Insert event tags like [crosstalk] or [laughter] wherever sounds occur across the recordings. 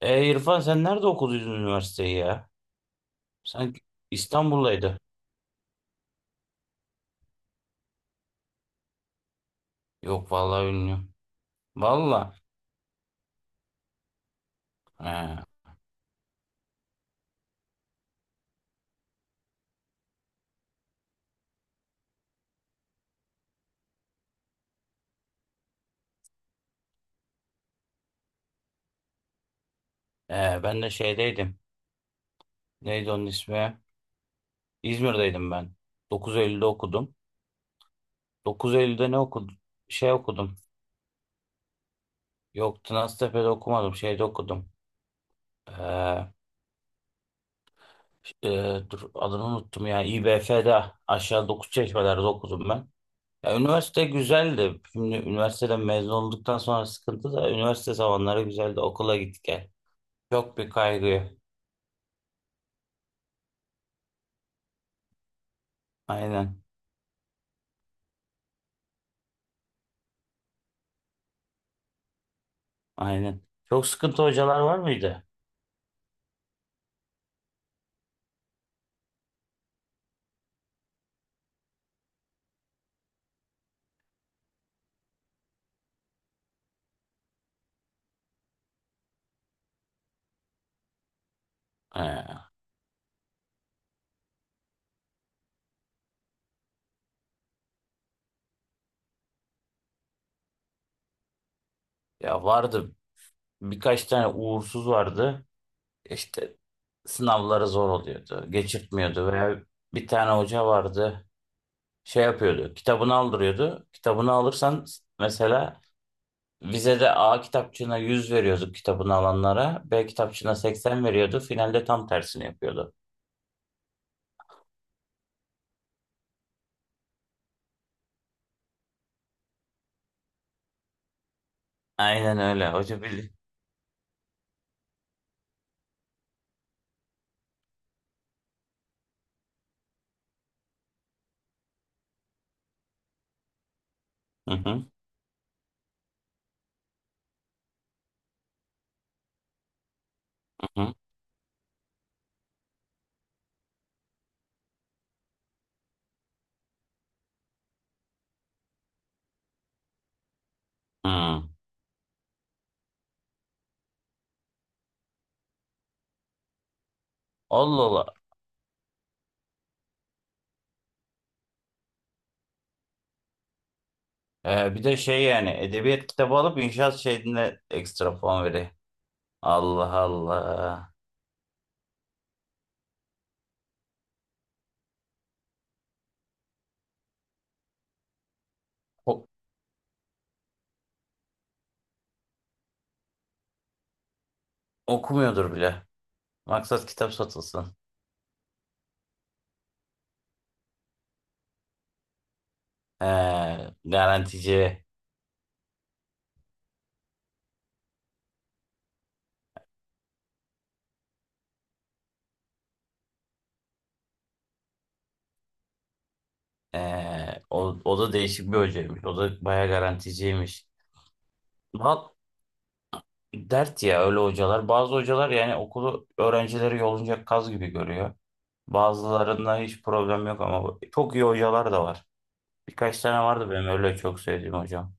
E İrfan sen nerede okuduydun üniversiteyi ya? Sanki İstanbul'daydı. Yok vallahi bilmiyorum. Vallahi. He. Ben de şeydeydim. Neydi onun ismi? İzmir'deydim ben. Dokuz Eylül'de okudum. Dokuz Eylül'de ne okudum? Şey okudum. Yok, Tınaztepe'de okumadım. Şeyde okudum. E, e, Dur adını unuttum ya. İBF'de aşağı 9 çeşmelerde okudum ben. Ya, üniversite güzeldi. Şimdi üniversiteden mezun olduktan sonra sıkıntı da üniversite zamanları güzeldi. Okula gittik. Çok bir kaygı. Aynen. Aynen. Çok sıkıntı hocalar var mıydı? Ee, Ya vardı. Birkaç tane uğursuz vardı. İşte sınavları zor oluyordu. Geçirtmiyordu veya bir tane hoca vardı. Şey yapıyordu. Kitabını aldırıyordu. Kitabını alırsan mesela vizede A kitapçığına 100 veriyorduk, kitabını alanlara. B kitapçığına 80 veriyordu. Finalde tam tersini yapıyordu. Aynen öyle. Hoca bildi. Hı hı hı. Hı. Hı. Allah Allah. Bir de şey, yani edebiyat kitabı alıp inşaat şeyine ekstra puan veriyor. Allah Allah. O- Okumuyordur bile. Maksat kitap satılsın. Ee, Garantici. O, o da değişik bir hocaymış. O da bayağı garanticiymiş. Bak, dert ya öyle hocalar. Bazı hocalar yani okulu, öğrencileri yolunca kaz gibi görüyor. Bazılarında hiç problem yok ama çok iyi hocalar da var. Birkaç tane vardı benim öyle çok sevdiğim hocam.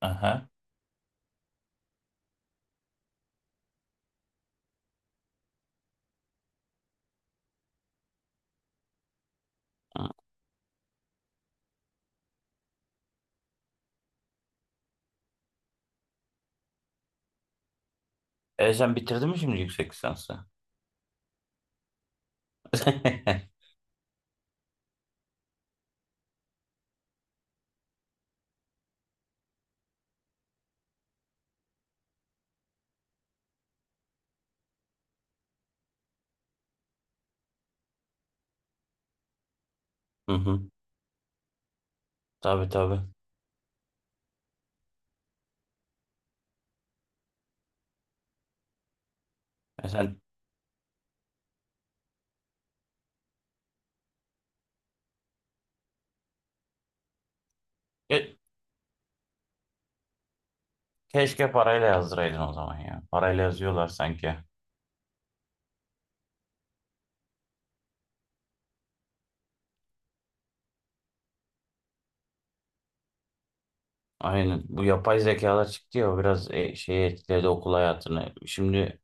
Aha. E sen bitirdin mi şimdi yüksek lisansı? [laughs] Hı hı. Tabii tabii. E sen. Ke- Keşke parayla yazdıraydın o zaman ya. Parayla yazıyorlar sanki. Aynen. Bu yapay zekalar çıktı ya, o biraz şeyi etkiledi, okul hayatını. Şimdi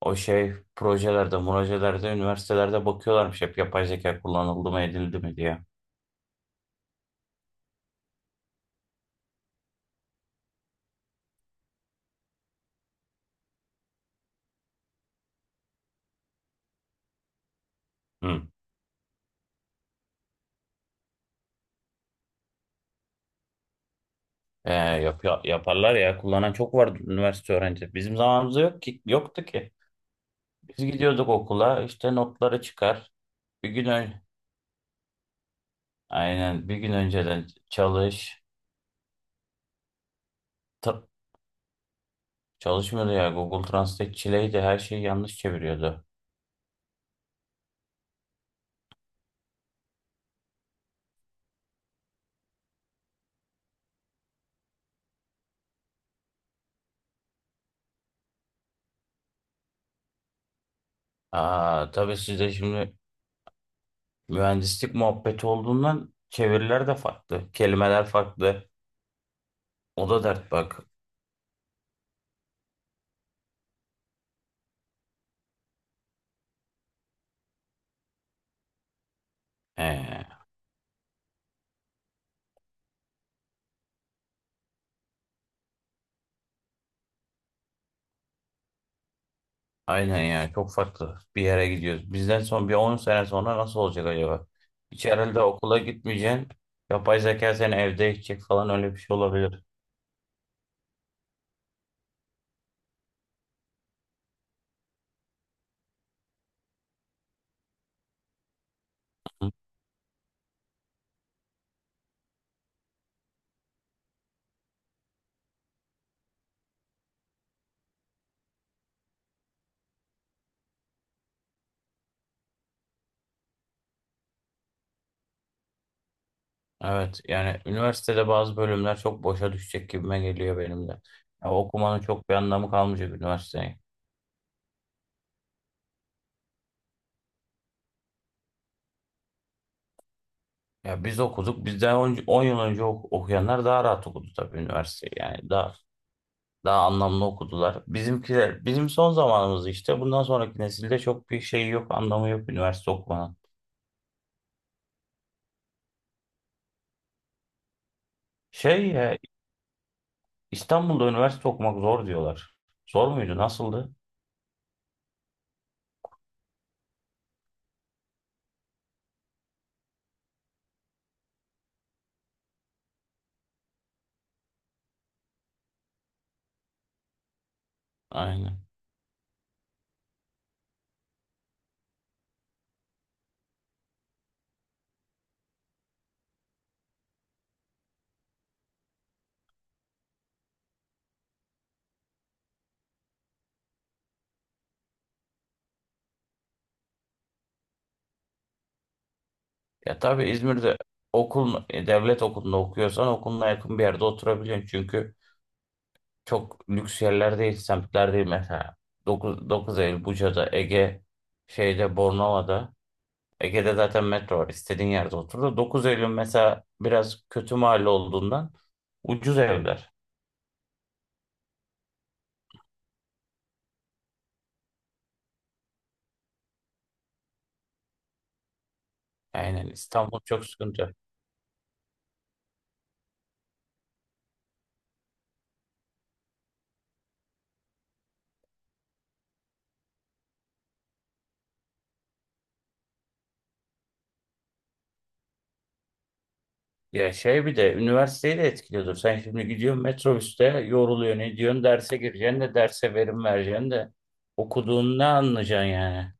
o şey projelerde, üniversitelerde bakıyorlarmış hep yapay zeka kullanıldı mı edildi mi diye. Hı. Yaparlar ya. Kullanan çok vardı üniversite öğrencisi. Bizim zamanımızda yok ki, yoktu ki. Biz gidiyorduk okula işte, notları çıkar. Bir gün ön- Aynen, bir gün önceden çalış. Ta- Çalışmıyordu ya, Google Translate çileydi, her şeyi yanlış çeviriyordu. Aa, tabii sizde şimdi mühendislik muhabbeti olduğundan çeviriler de farklı. Kelimeler farklı. O da dert bak. Ee, aynen ya, çok farklı bir yere gidiyoruz. Bizden son bir 10 sene sonra nasıl olacak acaba? Hiç herhalde okula gitmeyeceksin. Yapay zeka seni evde eğitecek falan, öyle bir şey olabilir. Evet yani üniversitede bazı bölümler çok boşa düşecek gibime geliyor benim de. Ya okumanın çok bir anlamı kalmayacak üniversiteyi. Ya biz okuduk. Bizden on on yıl önce okuyanlar daha rahat okudu tabii üniversiteyi. Yani daha anlamlı okudular. Bizimkiler, bizim son zamanımız işte. Bundan sonraki nesilde çok bir şey yok, anlamı yok üniversite okumanın. Şey ya, İstanbul'da üniversite okumak zor diyorlar. Zor muydu? Nasıldı? Aynen. Ya tabii İzmir'de okul, devlet okulunda okuyorsan okuluna yakın bir yerde oturabiliyorsun. Çünkü çok lüks yerler değil, semtler değil mesela. 9, 9 Eylül Buca'da, Ege şeyde Bornova'da. Ege'de zaten metro var. İstediğin yerde otur. Da 9 Eylül mesela biraz kötü mahalle olduğundan ucuz evler. Aynen, İstanbul çok sıkıntı. Ya şey, bir de üniversiteyi de etkiliyordur. Sen şimdi gidiyorsun metrobüste yoruluyorsun ediyorsun, derse gireceksin de derse verim vereceksin de okuduğun ne anlayacaksın yani.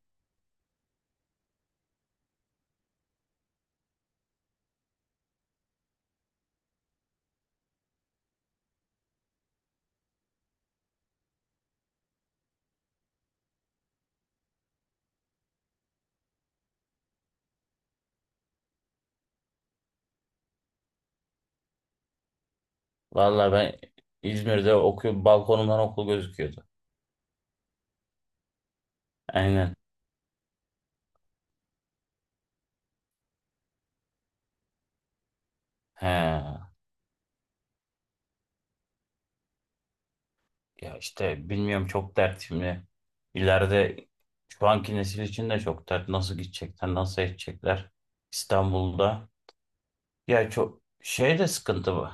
Valla ben İzmir'de okuyorum, balkonumdan okul gözüküyordu. Aynen. He. Ya işte bilmiyorum, çok dert şimdi. İleride şu anki nesil için de çok dert. Nasıl gidecekler, nasıl edecekler İstanbul'da. Ya çok şey de sıkıntı bu.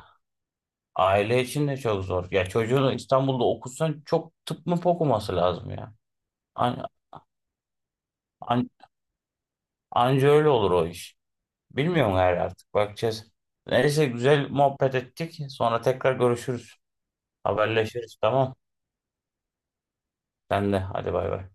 Aile için de çok zor. Ya çocuğunu İstanbul'da okutsan çok, tıp mı okuması lazım ya. An, an- anca öyle olur o iş. Bilmiyorum gayrı, artık bakacağız. Neyse, güzel muhabbet ettik. Sonra tekrar görüşürüz. Haberleşiriz, tamam. Sen de hadi, bay bay.